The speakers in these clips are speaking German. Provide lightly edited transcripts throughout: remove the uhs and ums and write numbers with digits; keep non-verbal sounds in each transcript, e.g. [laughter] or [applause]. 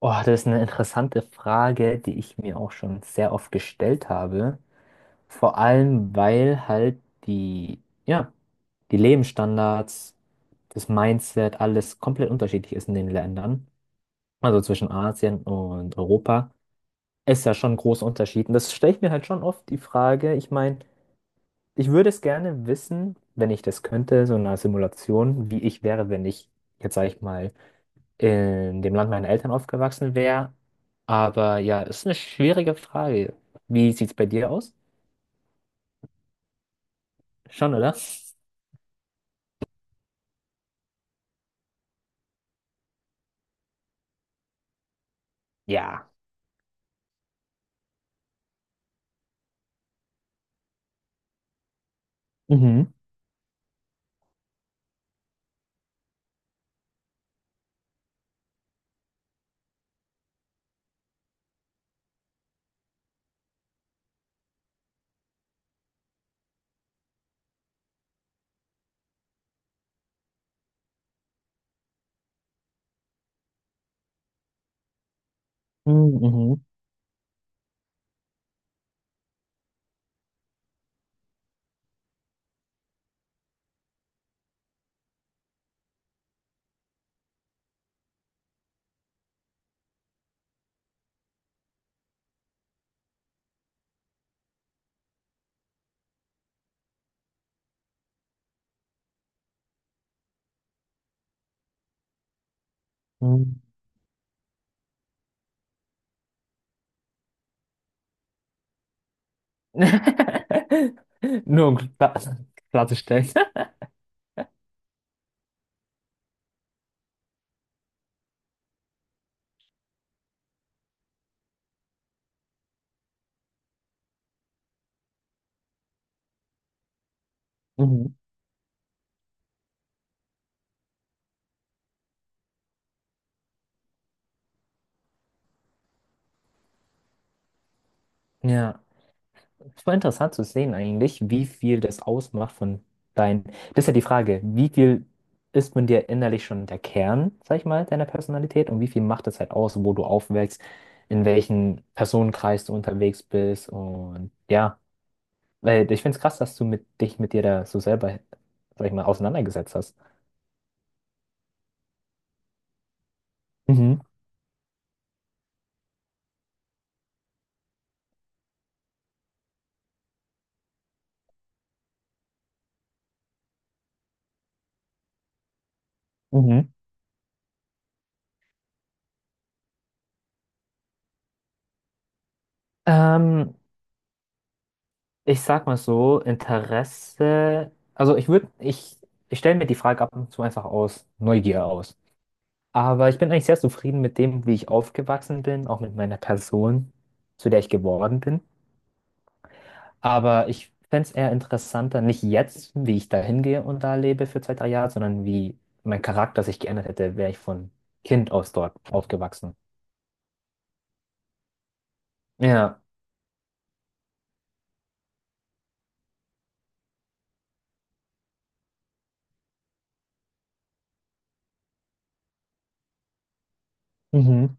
Oh, das ist eine interessante Frage, die ich mir auch schon sehr oft gestellt habe. Vor allem, weil halt die Lebensstandards, das Mindset, alles komplett unterschiedlich ist in den Ländern. Also zwischen Asien und Europa ist ja schon ein großer Unterschied. Und das stelle ich mir halt schon oft die Frage. Ich meine, ich würde es gerne wissen, wenn ich das könnte, so in einer Simulation, wie ich wäre, wenn ich jetzt, sage ich mal, in dem Land meiner Eltern aufgewachsen wäre. Aber ja, ist eine schwierige Frage. Wie sieht's bei dir aus? Schon, oder? Ja. Mhm. Mhm. Mhm. Mhm. [laughs] Nur um klarzustellen. [laughs] Mhm. Ja. Es war interessant zu sehen eigentlich, wie viel das ausmacht von dein. Das ist ja die Frage, wie viel ist von dir innerlich schon der Kern, sag ich mal, deiner Personalität, und wie viel macht das halt aus, wo du aufwächst, in welchen Personenkreis du unterwegs bist, und ja, weil ich finde es krass, dass du mit dir da so selber, sag ich mal, auseinandergesetzt hast. Mhm, mhm. Ähm, ich sag mal so, Interesse, also ich stelle mir die Frage ab und zu einfach aus Neugier aus. Aber ich bin eigentlich sehr zufrieden mit dem, wie ich aufgewachsen bin, auch mit meiner Person, zu der ich geworden bin. Aber ich fände es eher interessanter, nicht jetzt, wie ich da hingehe und da lebe für zwei, drei Jahre, sondern wie mein Charakter sich geändert hätte, wäre ich von Kind aus dort aufgewachsen. Ja. Mhm.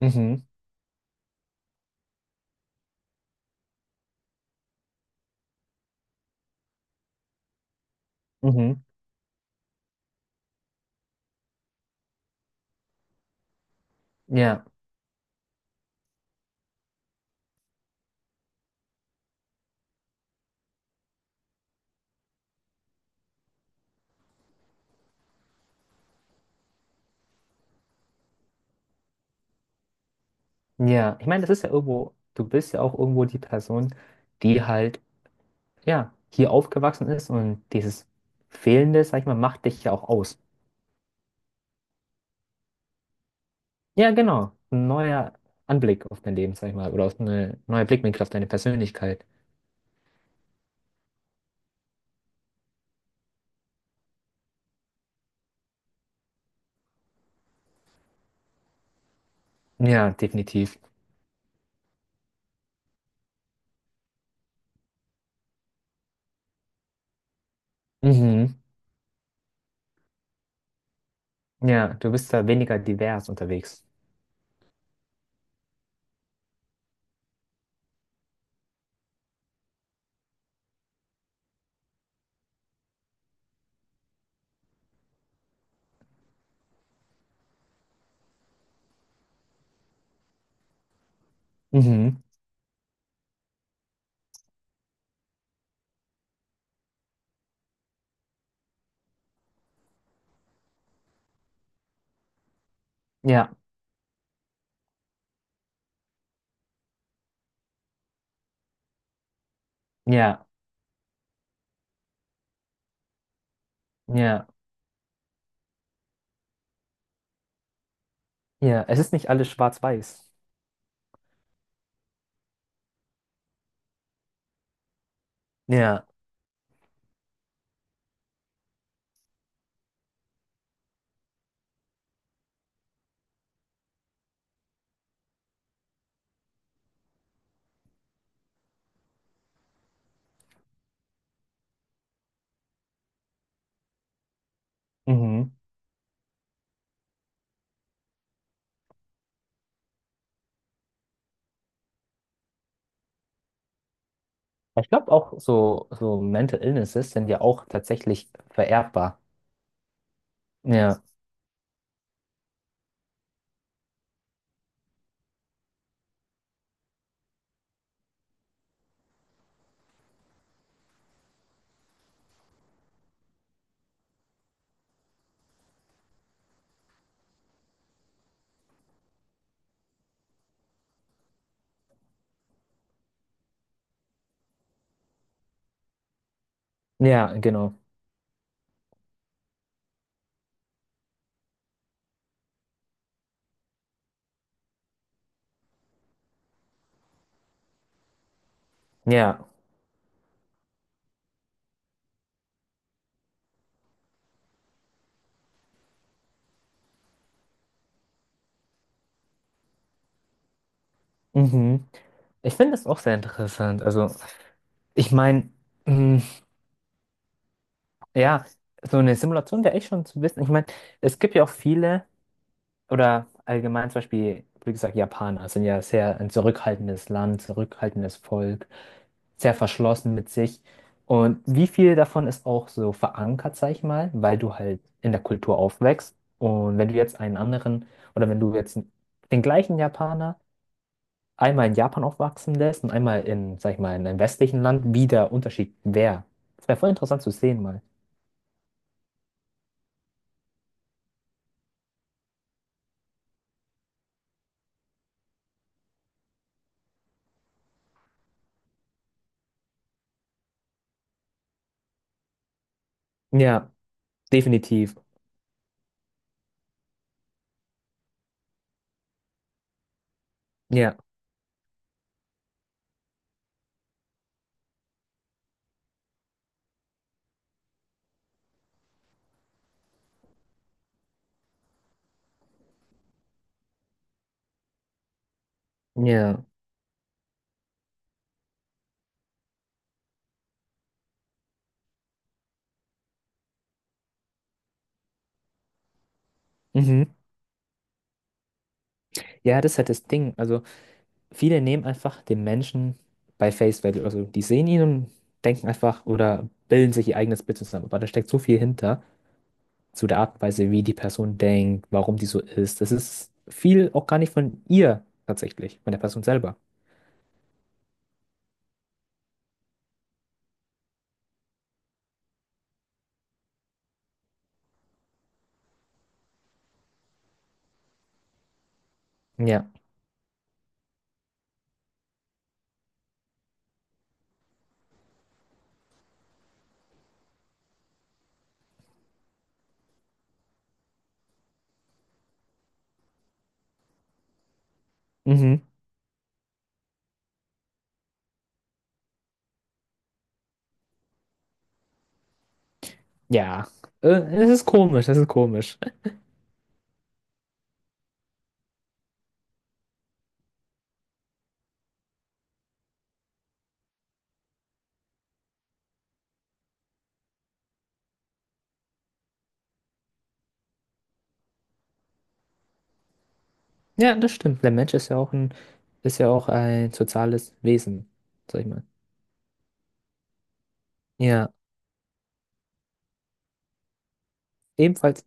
Mhm. Mhm. Ja. Ja. Ich meine, das ist ja irgendwo, du bist ja auch irgendwo die Person, die halt, ja, hier aufgewachsen ist, und dieses Fehlende, sag ich mal, macht dich ja auch aus. Ja, genau. Ein neuer Anblick auf dein Leben, sag ich mal, oder auf eine neue Blickwinkel auf deine Persönlichkeit. Ja, definitiv. Mhm. Ja, du bist da weniger divers unterwegs. Mhm. Ja, ja, ja, ja. Es ist nicht alles schwarz-weiß. Ja. Mhm. Ich glaube auch so, so Mental Illnesses sind ja auch tatsächlich vererbbar. Ja, ja, genau. Ja. Mhm. Ich finde das auch sehr interessant. Also, ich meine, ja, so eine Simulation wäre echt schon zu wissen. Ich meine, es gibt ja auch viele, oder allgemein zum Beispiel, wie gesagt, Japaner sind ja sehr ein zurückhaltendes Land, zurückhaltendes Volk, sehr verschlossen mit sich. Und wie viel davon ist auch so verankert, sag ich mal, weil du halt in der Kultur aufwächst. Und wenn du jetzt einen anderen, oder wenn du jetzt den gleichen Japaner einmal in Japan aufwachsen lässt und einmal in, sag ich mal, in einem westlichen Land, wie der Unterschied wäre. Das wäre voll interessant zu sehen mal. Ja, definitiv. Ja, ja. Mhm. Ja, das ist halt das Ding. Also viele nehmen einfach den Menschen bei Face Value. Also die sehen ihn und denken einfach oder bilden sich ihr eigenes Bild zusammen. Aber da steckt so viel hinter, zu der Art und Weise, wie die Person denkt, warum die so ist. Das ist viel auch gar nicht von ihr tatsächlich, von der Person selber. Ja. Mhm. Ja. Äh, Es ist komisch, es ist komisch. Ja, das stimmt. Der Mensch ist ja auch ein soziales Wesen, sag ich mal. Ja, ebenfalls.